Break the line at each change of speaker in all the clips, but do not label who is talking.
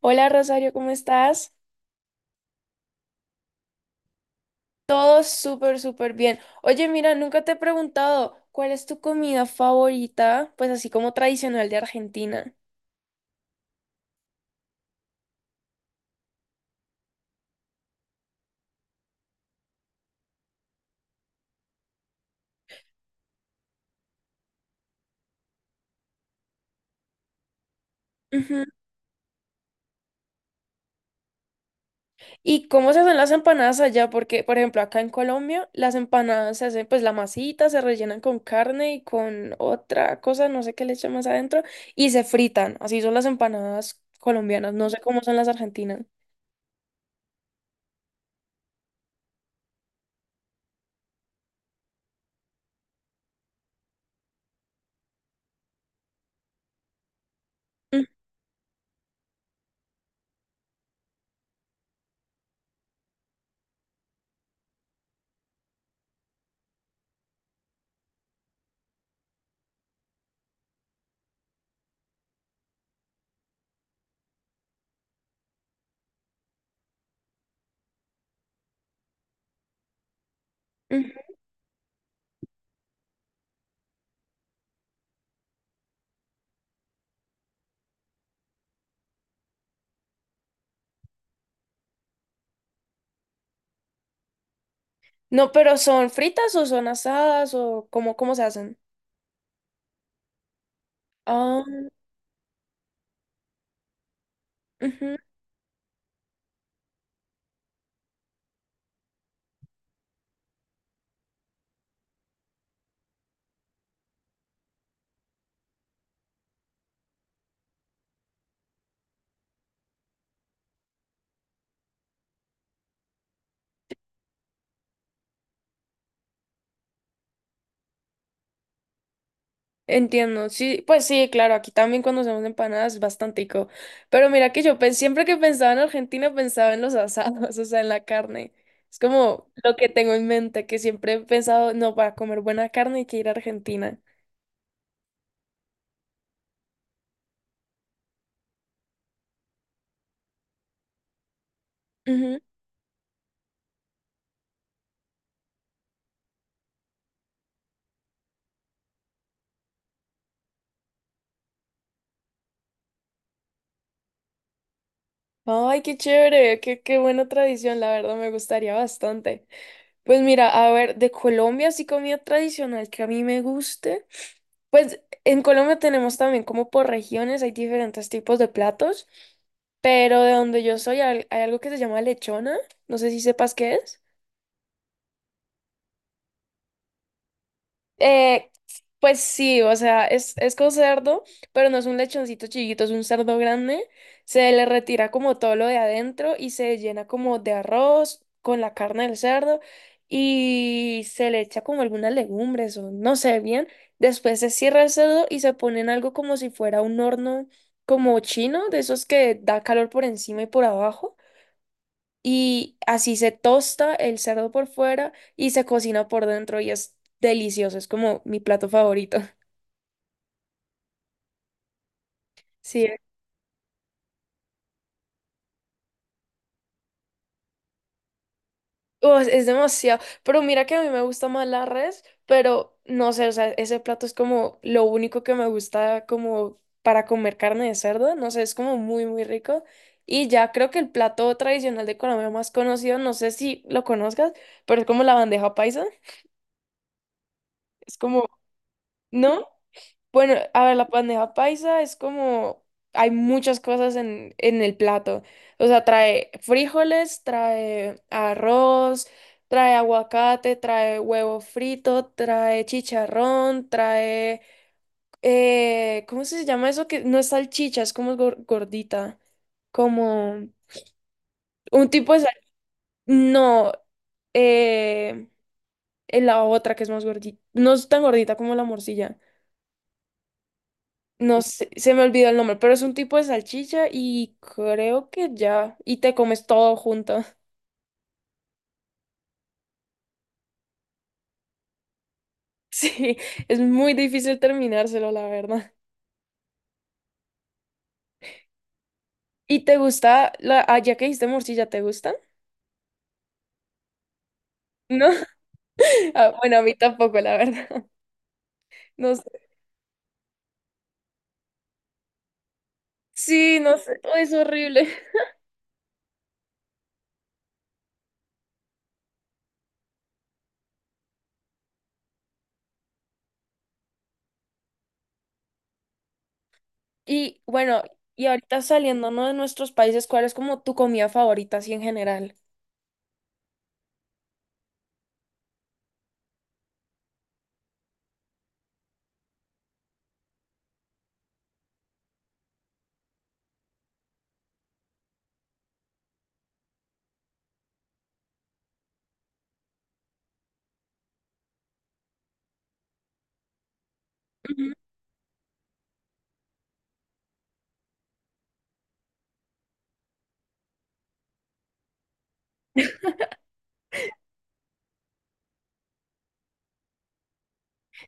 Hola Rosario, ¿cómo estás? Todo súper, súper bien. Oye, mira, nunca te he preguntado cuál es tu comida favorita, pues así como tradicional de Argentina. Ujú. ¿Y cómo se hacen las empanadas allá? Porque, por ejemplo, acá en Colombia, las empanadas se hacen, pues la masita se rellenan con carne y con otra cosa, no sé qué le echan más adentro, y se fritan. Así son las empanadas colombianas, no sé cómo son las argentinas. Mm, ujú. No, pero ¿son fritas o son asadas o cómo, cómo se hacen? Ah, ujú. Entiendo, sí, pues sí, claro, aquí también cuando hacemos empanadas es bastantico. Pero mira que siempre que pensaba en Argentina pensaba en los asados, o sea, en la carne. Es como lo que tengo en mente, que siempre he pensado, no, para comer buena carne hay que ir a Argentina. Ujú. Ay, qué chévere, qué, qué buena tradición, la verdad me gustaría bastante. Pues mira, a ver, de Colombia, así comida tradicional que a mí me guste. Pues en Colombia tenemos también como por regiones, hay diferentes tipos de platos, pero de donde yo soy hay, hay algo que se llama lechona, no sé si sepas qué es. Eh, pues sí, o sea, es con cerdo, pero no es un lechoncito chiquito, es un cerdo grande. Se le retira como todo lo de adentro y se llena como de arroz con la carne del cerdo y se le echa como algunas legumbres o no sé bien. Después se cierra el cerdo y se pone en algo como si fuera un horno como chino, de esos que da calor por encima y por abajo y así se tosta el cerdo por fuera y se cocina por dentro y es delicioso, es como mi plato favorito. Sí, Oh, es demasiado, pero mira que a mí me gusta más la res, pero no sé, o sea, ese plato es como lo único que me gusta como para comer carne de cerdo, no sé, es como muy, muy rico. Y ya creo que el plato tradicional de Colombia más conocido, no sé si lo conozcas, pero es como la bandeja paisa, es como, ¿no? Bueno, a ver, la bandeja paisa es como, hay muchas cosas en el plato. O sea, trae frijoles, trae arroz, trae aguacate, trae huevo frito, trae chicharrón, trae, ¿cómo se llama eso? Que no es salchicha, es como gordita, como un tipo de No, eh, en la otra que es más gordita, no es tan gordita como la morcilla. No sé, se me olvidó el nombre, pero es un tipo de salchicha y creo que ya. Y te comes todo junto. Sí, es muy difícil terminárselo, la verdad. ¿Y te gusta la, ah, ya que dijiste morcilla, ¿te gusta? No. Ah, bueno, a mí tampoco, la verdad. No sé. Sí, no sé, oh, es horrible. Y bueno, y ahorita saliendo, ¿no? de nuestros países, ¿cuál es como tu comida favorita así en general?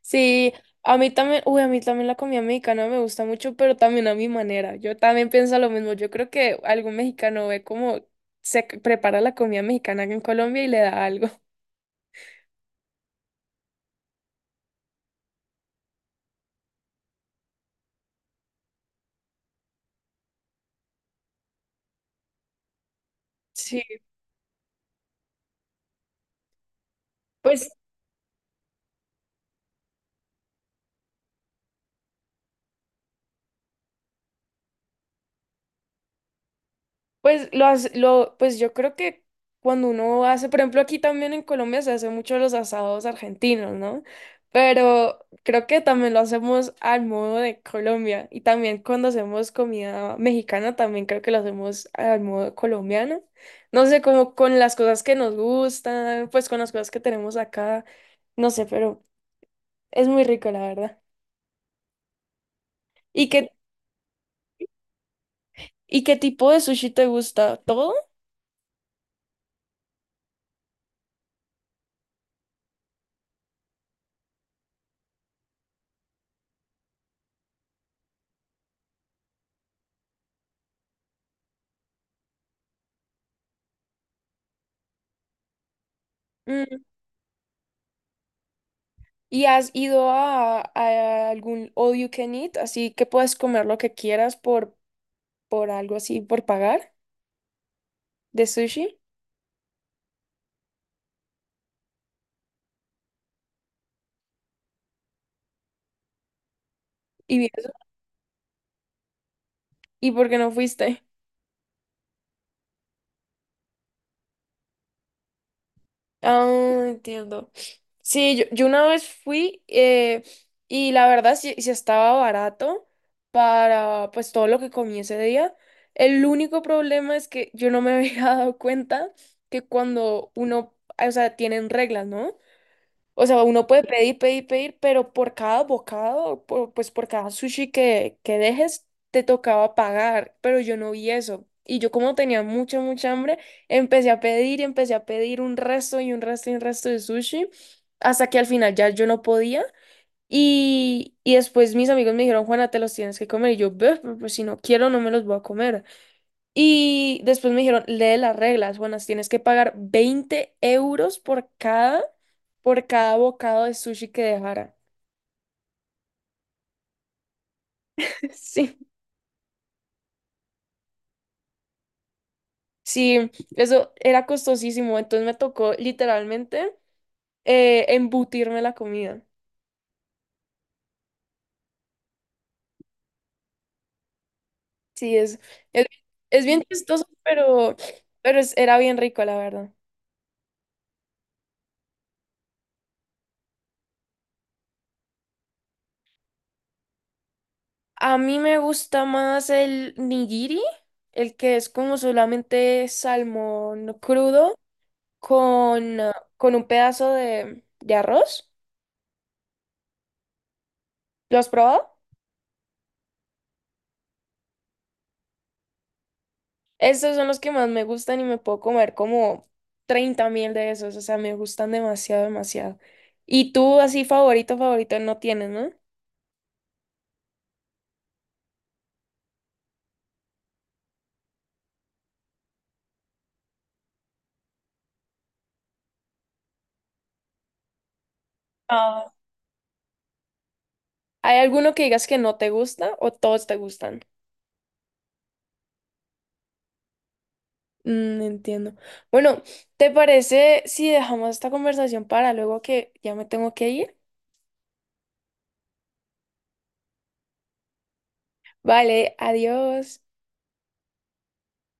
Sí, a mí también, uy, a mí también la comida mexicana me gusta mucho, pero también a mi manera. Yo también pienso lo mismo. Yo creo que algún mexicano ve cómo prepara la comida mexicana en Colombia y le da algo. Sí, pues Pues yo creo que cuando uno hace, por ejemplo, aquí también en Colombia se hace mucho los asados argentinos, ¿no? Pero creo que también lo hacemos al modo de Colombia y también cuando hacemos comida mexicana también creo que lo hacemos al modo colombiano. No sé, como con las cosas que nos gustan, pues con las cosas que tenemos acá, no sé, pero es muy rico, la verdad. ¿Y qué ¿Y qué tipo de sushi te gusta? ¿Todo? Mm, ¿Y has ido a algún all you can eat? Así que puedes comer lo que quieras por algo así, por pagar de sushi. ¿Y, vi- ¿Y por qué no fuiste? Ah, entiendo. Sí, yo una vez fui y la verdad sí, sí estaba barato para pues todo lo que comí ese día. El único problema es que yo no me había dado cuenta que cuando uno, o sea, tienen reglas, ¿no? O sea, uno puede pedir, pedir, pedir, pero por cada bocado, pues por cada sushi que dejes, te tocaba pagar, pero yo no vi eso. Y yo como tenía mucha, mucha hambre, empecé a pedir y empecé a pedir un resto y un resto y un resto de sushi, hasta que al final ya yo no podía. Y después mis amigos me dijeron, Juana, te los tienes que comer. Y yo, "Beh, pero pues si no quiero, no me los voy a comer". Y después me dijeron, lee las reglas, buenas, tienes que pagar 20 euros por cada bocado de sushi que dejara. Sí. Sí, eso era costosísimo, entonces me tocó literalmente embutirme la comida. Sí, es, es bien chistoso, pero era bien rico, la verdad. A mí me gusta más el nigiri, el que es como solamente salmón crudo con, ah, con un pedazo de arroz. ¿Lo has probado? Estos son los que más me gustan y me puedo comer como 30.000 de esos. O sea, me gustan demasiado, demasiado. Y tú así favorito, favorito no tienes, ¿no? Ah. ¿Hay alguno que digas que no te gusta o todos te gustan? Mm, entiendo. Bueno, ¿te parece si dejamos esta conversación para luego que ya me tengo que ir? Vale, adiós.